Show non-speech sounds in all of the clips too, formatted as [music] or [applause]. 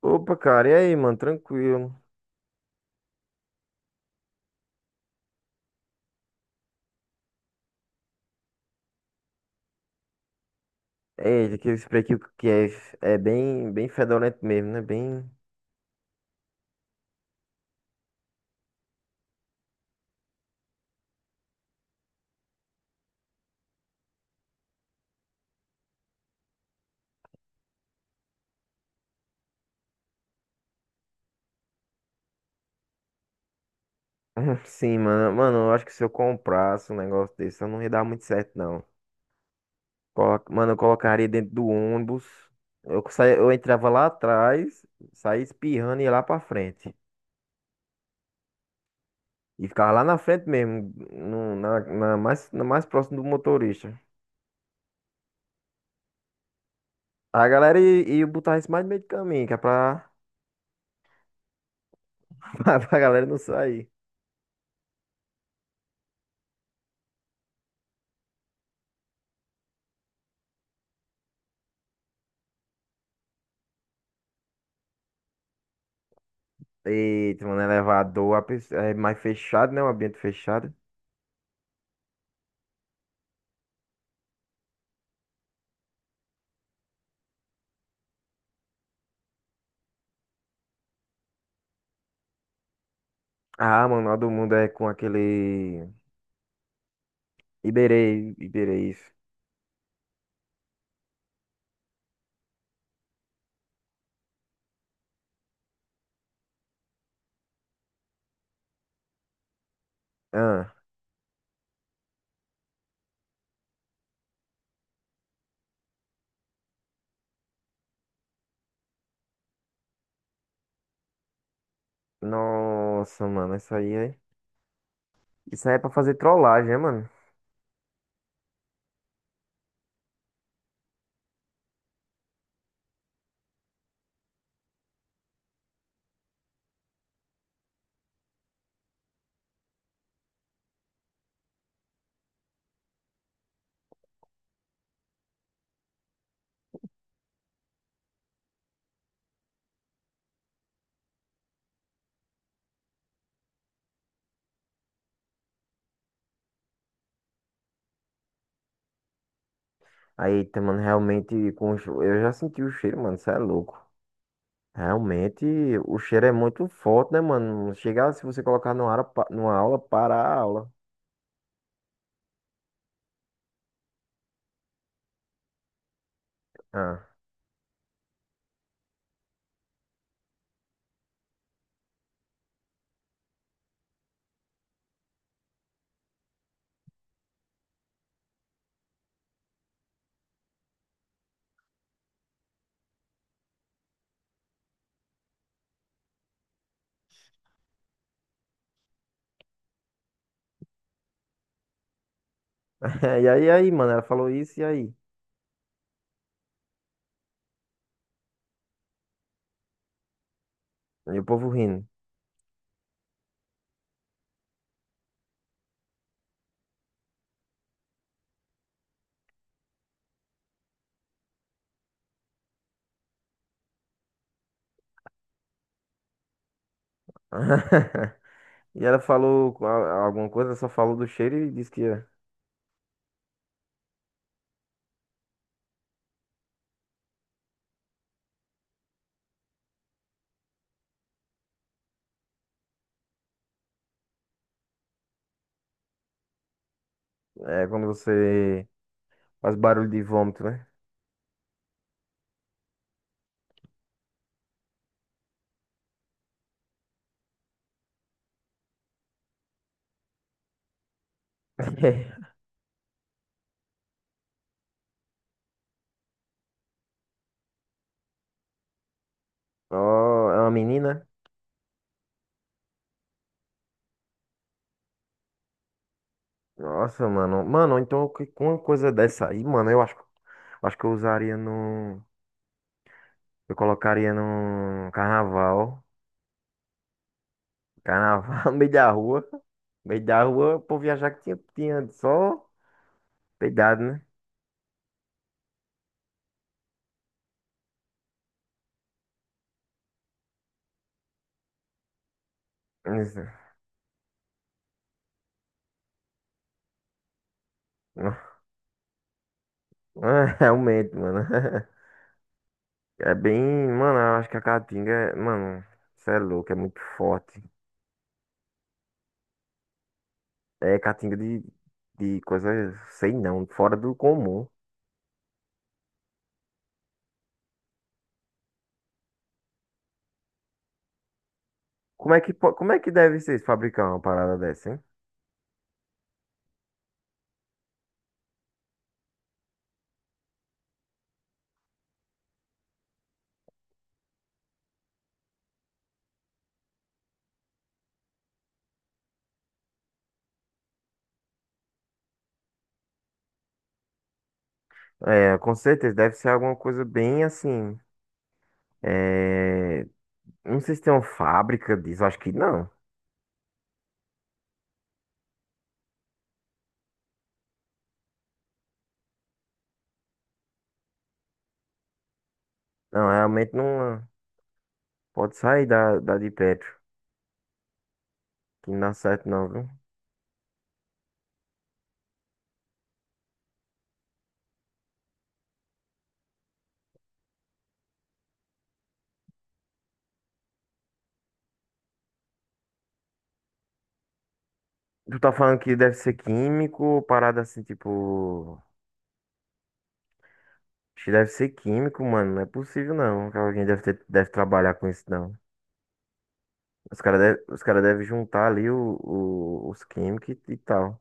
Opa, cara, e aí, mano? Tranquilo. É, aquele spray bem fedorento mesmo, né? Bem. [laughs] Sim, mano. Mano, eu acho que se eu comprasse um negócio desse, eu não ia dar muito certo, não. Mano, eu colocaria dentro do ônibus. Eu saía, eu entrava lá atrás, saía espirrando e ia lá pra frente. E ficava lá na frente mesmo, no, na, na mais próximo do motorista. A galera ia botar isso mais no meio do caminho, que é pra, [laughs] pra galera não sair. Eita, mano, elevador, é mais fechado, né? Um ambiente fechado. Ah, mano, lá do mundo é com aquele. Iberê, isso. Ah, nossa, mano, isso aí é. Isso aí é pra fazer trollagem, né, mano? Aí, eita, mano, realmente, eu já senti o cheiro, mano, isso é louco. Realmente, o cheiro é muito forte, né, mano? Chegar, se você colocar numa aula, para a aula. Ah, [laughs] e aí, mano, ela falou isso, e aí? E o povo rindo. [laughs] E ela falou alguma coisa, só falou do cheiro e disse que é é quando você faz barulho de vômito, né? [laughs] Ó, é uma menina? Nossa, mano. Mano, então com uma coisa dessa aí, mano, acho que eu usaria no. Eu colocaria no carnaval. Carnaval [laughs] no meio da rua. No meio da rua, o povo ia achar que tinha só peidado, né? Isso. [laughs] Realmente, mano. [laughs] É bem. Mano, eu acho que a caatinga é. Mano, você é louco, é muito forte. É caatinga de coisa, sei não, fora do comum. Como é que, como é que deve ser fabricar uma parada dessa, hein? É, com certeza, deve ser alguma coisa bem assim. É, não sei se tem uma fábrica disso, acho que não. Não, realmente não. Pode sair da de Petro, que não dá certo não, viu? Tu tá falando que deve ser químico, parada assim, tipo. Acho que deve ser químico, mano. Não é possível, não. Que alguém deve ter, deve trabalhar com isso, não. Os cara devem juntar ali os químicos e tal.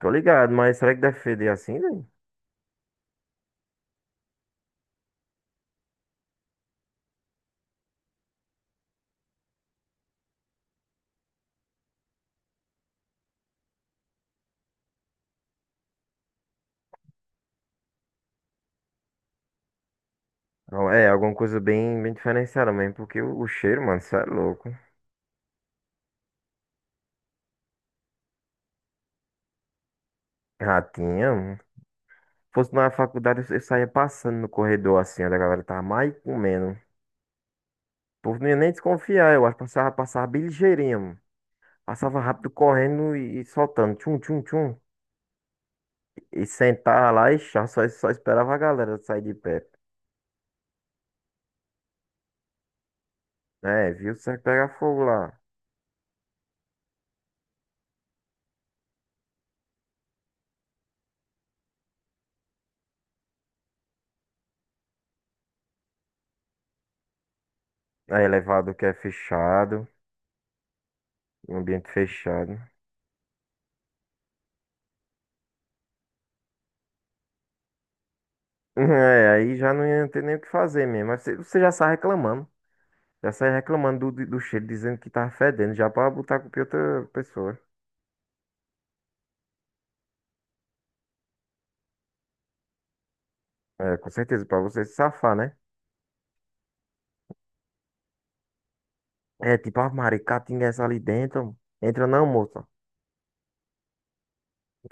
Tô ligado, mas será que deve feder assim, velho? Não, é, alguma coisa bem, bem diferenciada mesmo, porque o cheiro, mano, isso é louco. Ratinha, mano. Se fosse na faculdade, eu saía passando no corredor assim, onde a galera tava mais comendo. O povo não ia nem desconfiar, eu acho. Passava, passava bem ligeirinho, mano. Passava rápido correndo e soltando. Tchum, tchum, tchum. E sentar lá e chá, só esperava a galera sair de pé. É, viu? Você pega fogo lá. É elevado que é fechado, um ambiente fechado. [laughs] É, aí já não ia ter nem o que fazer mesmo. Mas você já sai reclamando. Já sai reclamando do cheiro, dizendo que tá fedendo, já pra botar a culpa em outra pessoa. É, com certeza, pra você se safar, né? É, tipo, a maricatinga essa ali dentro. Entra não, moça.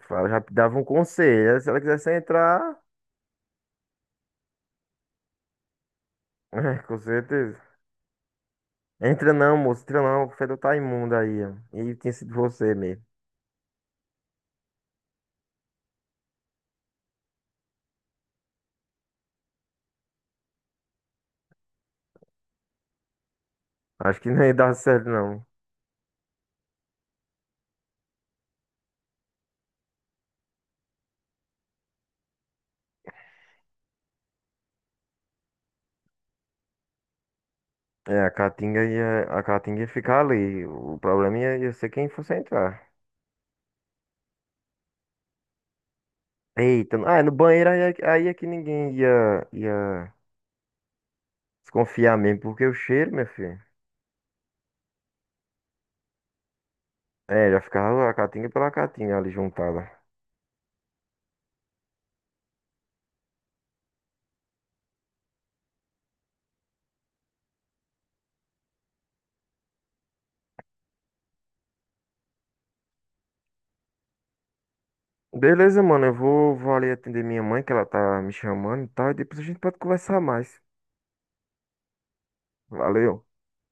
Fala, já dava um conselho, né? Se ela quisesse entrar, [laughs] é, com certeza. Entra não, moço, entra não. O fedor tá imundo aí, ó. E tinha sido você mesmo. Acho que não ia dar certo, não. É, a caatinga ia ficar ali. O problema ia ser quem fosse entrar. Eita, ah, no banheiro aí, aí é que ninguém ia desconfiar mesmo, porque o cheiro, meu filho. É, já ficava a caatinga pela caatinga ali juntada. Beleza, mano, vou ali atender minha mãe, que ela tá me chamando e tal, e depois a gente pode conversar mais. Valeu.